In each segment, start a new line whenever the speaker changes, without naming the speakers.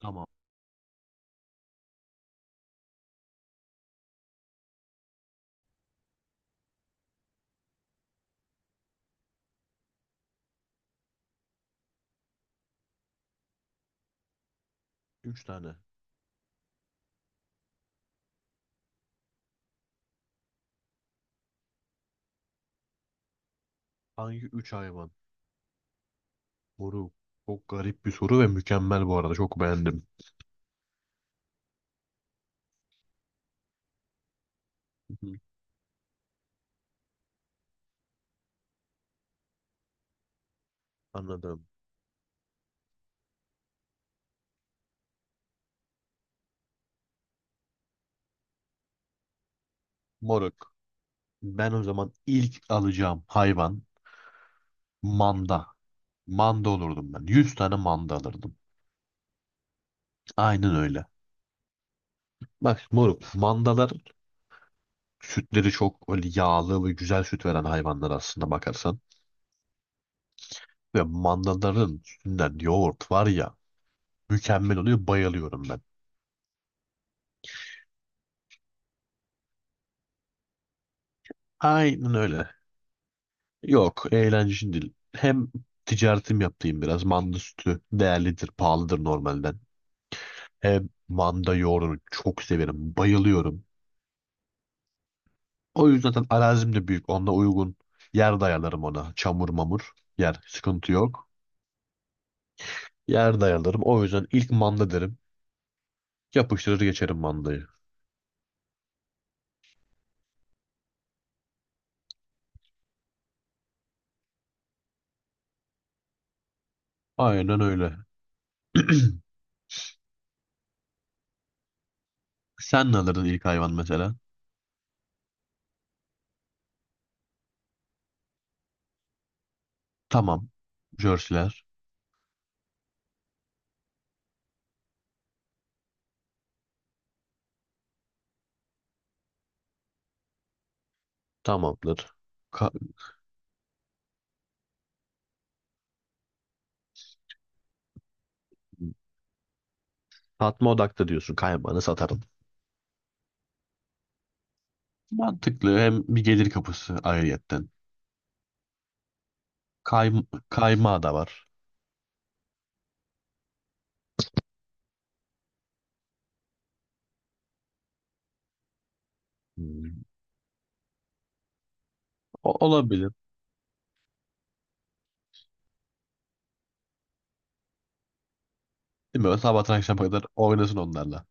Tamam. Üç tane. Hangi üç hayvan? Moruk. Çok garip bir soru ve mükemmel bu arada. Çok beğendim. Hı hı. Anladım. Moruk. Ben o zaman ilk alacağım hayvan manda. Manda olurdum ben. 100 tane manda alırdım. Aynen öyle. Bak moruk. Mandalar sütleri çok öyle yağlı ve güzel süt veren hayvanlar aslında bakarsan. Ve mandaların sütünden yoğurt var ya mükemmel oluyor. Bayılıyorum ben. Aynen öyle. Yok, eğlence değil. Hem ticaretim yaptığım biraz. Manda sütü değerlidir, pahalıdır normalden. Hem manda yoğurdunu çok severim, bayılıyorum. O yüzden zaten arazim de büyük. Onunla uygun yer dayalarım ona. Çamur mamur yer, sıkıntı yok. Yer dayalarım. O yüzden ilk manda derim. Yapıştırır geçerim mandayı. Aynen öyle. Sen ne alırdın ilk hayvan mesela? Tamam. Jerseyler. Tamamdır. Ka- Satma odaklı diyorsun. Kaymağını satarım. Mantıklı. Hem bir gelir kapısı ayrıyetten. Kay, kaymağı da var. Hmm. O, olabilir. Değil mi? Böyle sabahtan akşama kadar oynasın onlarla.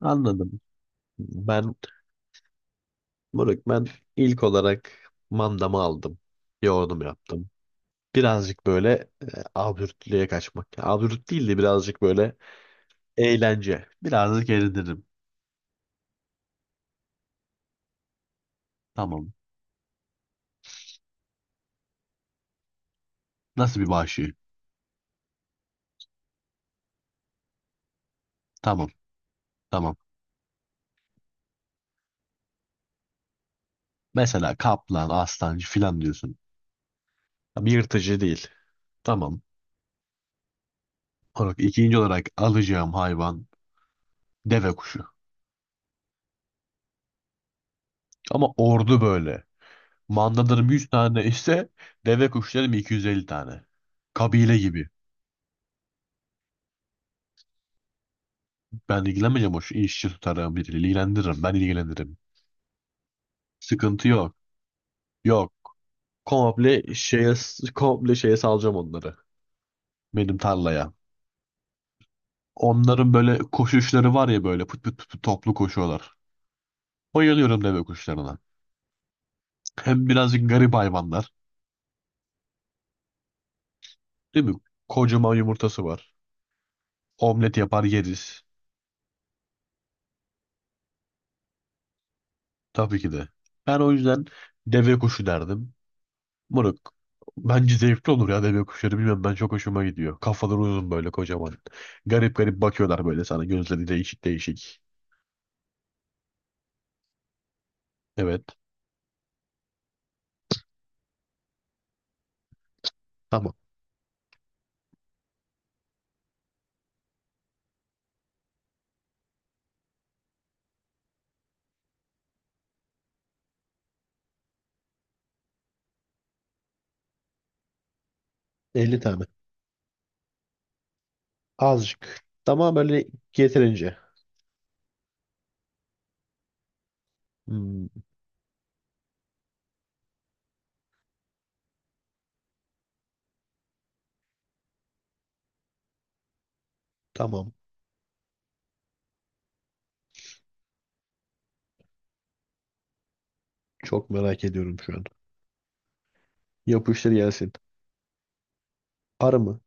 Anladım. Ben Burak, ben ilk olarak mandamı aldım. Yoğurdumu yaptım. Birazcık böyle e, absürtlüğe kaçmak. Absürt değil de birazcık böyle eğlence. Birazcık eğlenirim. Tamam. Nasıl bir vahşi? Tamam. Tamam. Mesela kaplan, aslancı filan diyorsun. Tabii yırtıcı değil. Tamam. Olarak, ikinci olarak alacağım hayvan deve kuşu. Ama ordu böyle. Mandalarım 100 tane ise deve kuşlarım 250 tane. Kabile gibi. Ben ilgilenmeyeceğim, o işçi tutarım, bir ilgilendiririm. Ben ilgilendiririm. Sıkıntı yok. Yok. Komple şeye, komple şeye salacağım onları. Benim tarlaya. Onların böyle koşuşları var ya, böyle pıt pıt pıt pıt toplu koşuyorlar. Bayılıyorum deve kuşlarına. Hem birazcık garip hayvanlar. Değil mi? Kocaman yumurtası var. Omlet yapar yeriz. Tabii ki de. Ben o yüzden deve kuşu derdim. Moruk. Bence zevkli olur ya deve kuşları. Bilmem ben çok hoşuma gidiyor. Kafaları uzun böyle kocaman. Garip garip bakıyorlar böyle sana. Gözleri değişik değişik. Evet. Tamam. 50 tane. Azıcık. Tamam böyle yeterince. Hmm, tamam. Çok merak ediyorum şu an. Yapıştır gelsin. Arı mı?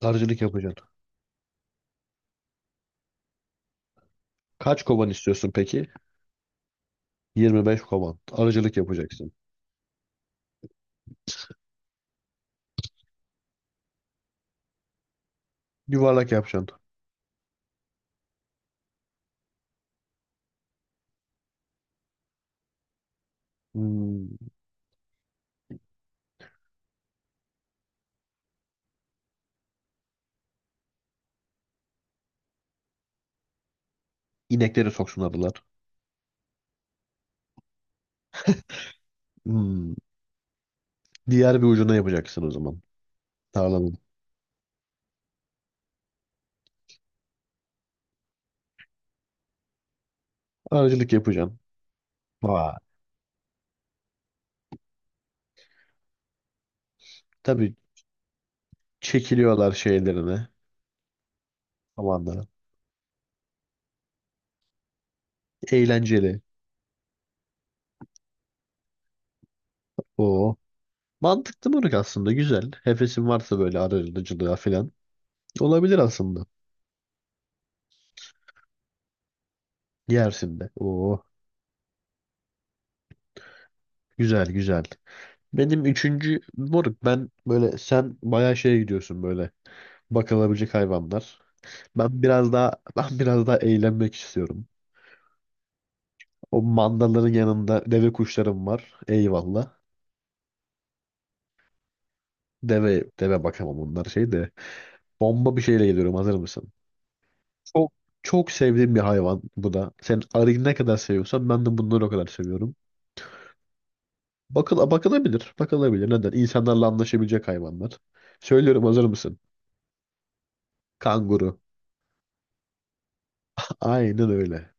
Arıcılık yapacaksın. Kaç kovan istiyorsun peki? 25 kovan. Arıcılık yapacaksın. Yuvarlak yapacaksın. Hmm, inekleri soksun arılar. Hmm, diğer bir ucuna yapacaksın o zaman. Tarlanın. Arıcılık yapacaksın. Vay. Tabii çekiliyorlar şeylerine. Aman da. Eğlenceli. O. Mantıklı mırık aslında. Güzel. Hefesin varsa böyle arıcılığa falan. Olabilir aslında. Yersin de. Oo. Güzel güzel. Benim üçüncü moruk, ben böyle sen bayağı şeye gidiyorsun, böyle bakılabilecek hayvanlar. Ben biraz daha eğlenmek istiyorum. O mandaların yanında deve kuşlarım var. Eyvallah. Deve bakamam, bunlar şey de. Bomba bir şeyle geliyorum, hazır mısın? Çok çok sevdiğim bir hayvan bu da. Sen arıyı ne kadar seviyorsan ben de bunları o kadar seviyorum. Bakılabilir. Bakılabilir. Neden? İnsanlarla anlaşabilecek hayvanlar. Söylüyorum, hazır mısın? Kanguru. Aynen öyle.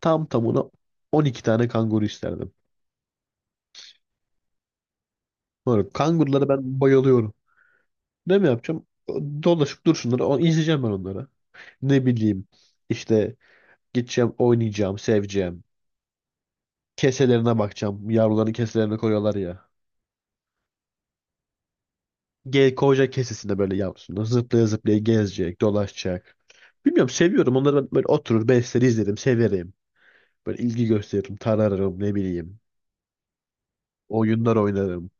Tam tamına 12 tane kanguru isterdim. Böyle kangurulara ben bayılıyorum. Ne mi yapacağım? Dolaşıp dursunlar. İzleyeceğim ben onları. Ne bileyim. İşte gideceğim, oynayacağım, seveceğim. Keselerine bakacağım. Yavruların keselerine koyuyorlar ya. Ge koca kesesinde böyle yavrusunu zıplaya zıplaya gezecek, dolaşacak. Bilmiyorum, seviyorum. Onları ben böyle oturur besleri izlerim, severim. Böyle ilgi gösteririm, tararım, ne bileyim. Oyunlar oynarım.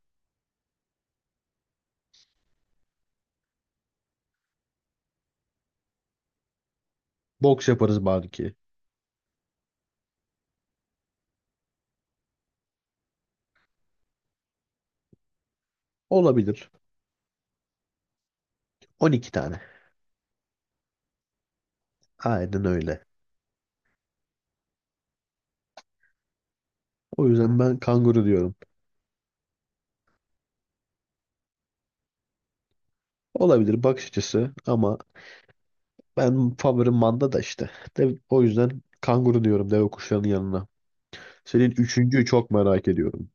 Boks yaparız belki. Olabilir. 12 tane. Aynen öyle. O yüzden ben kanguru diyorum. Olabilir bakış açısı, ama ben favorim manda da işte. De, o yüzden kanguru diyorum deve kuşlarının yanına. Senin üçüncüyü çok merak ediyorum.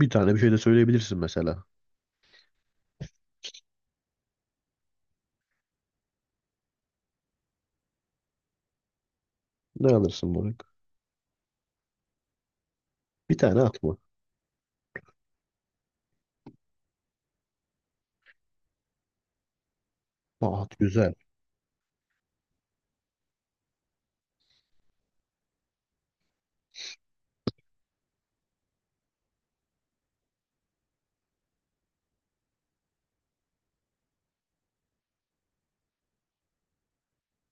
Bir tane bir şey de söyleyebilirsin mesela. Ne alırsın, Burak? Bir tane at mı? At güzel.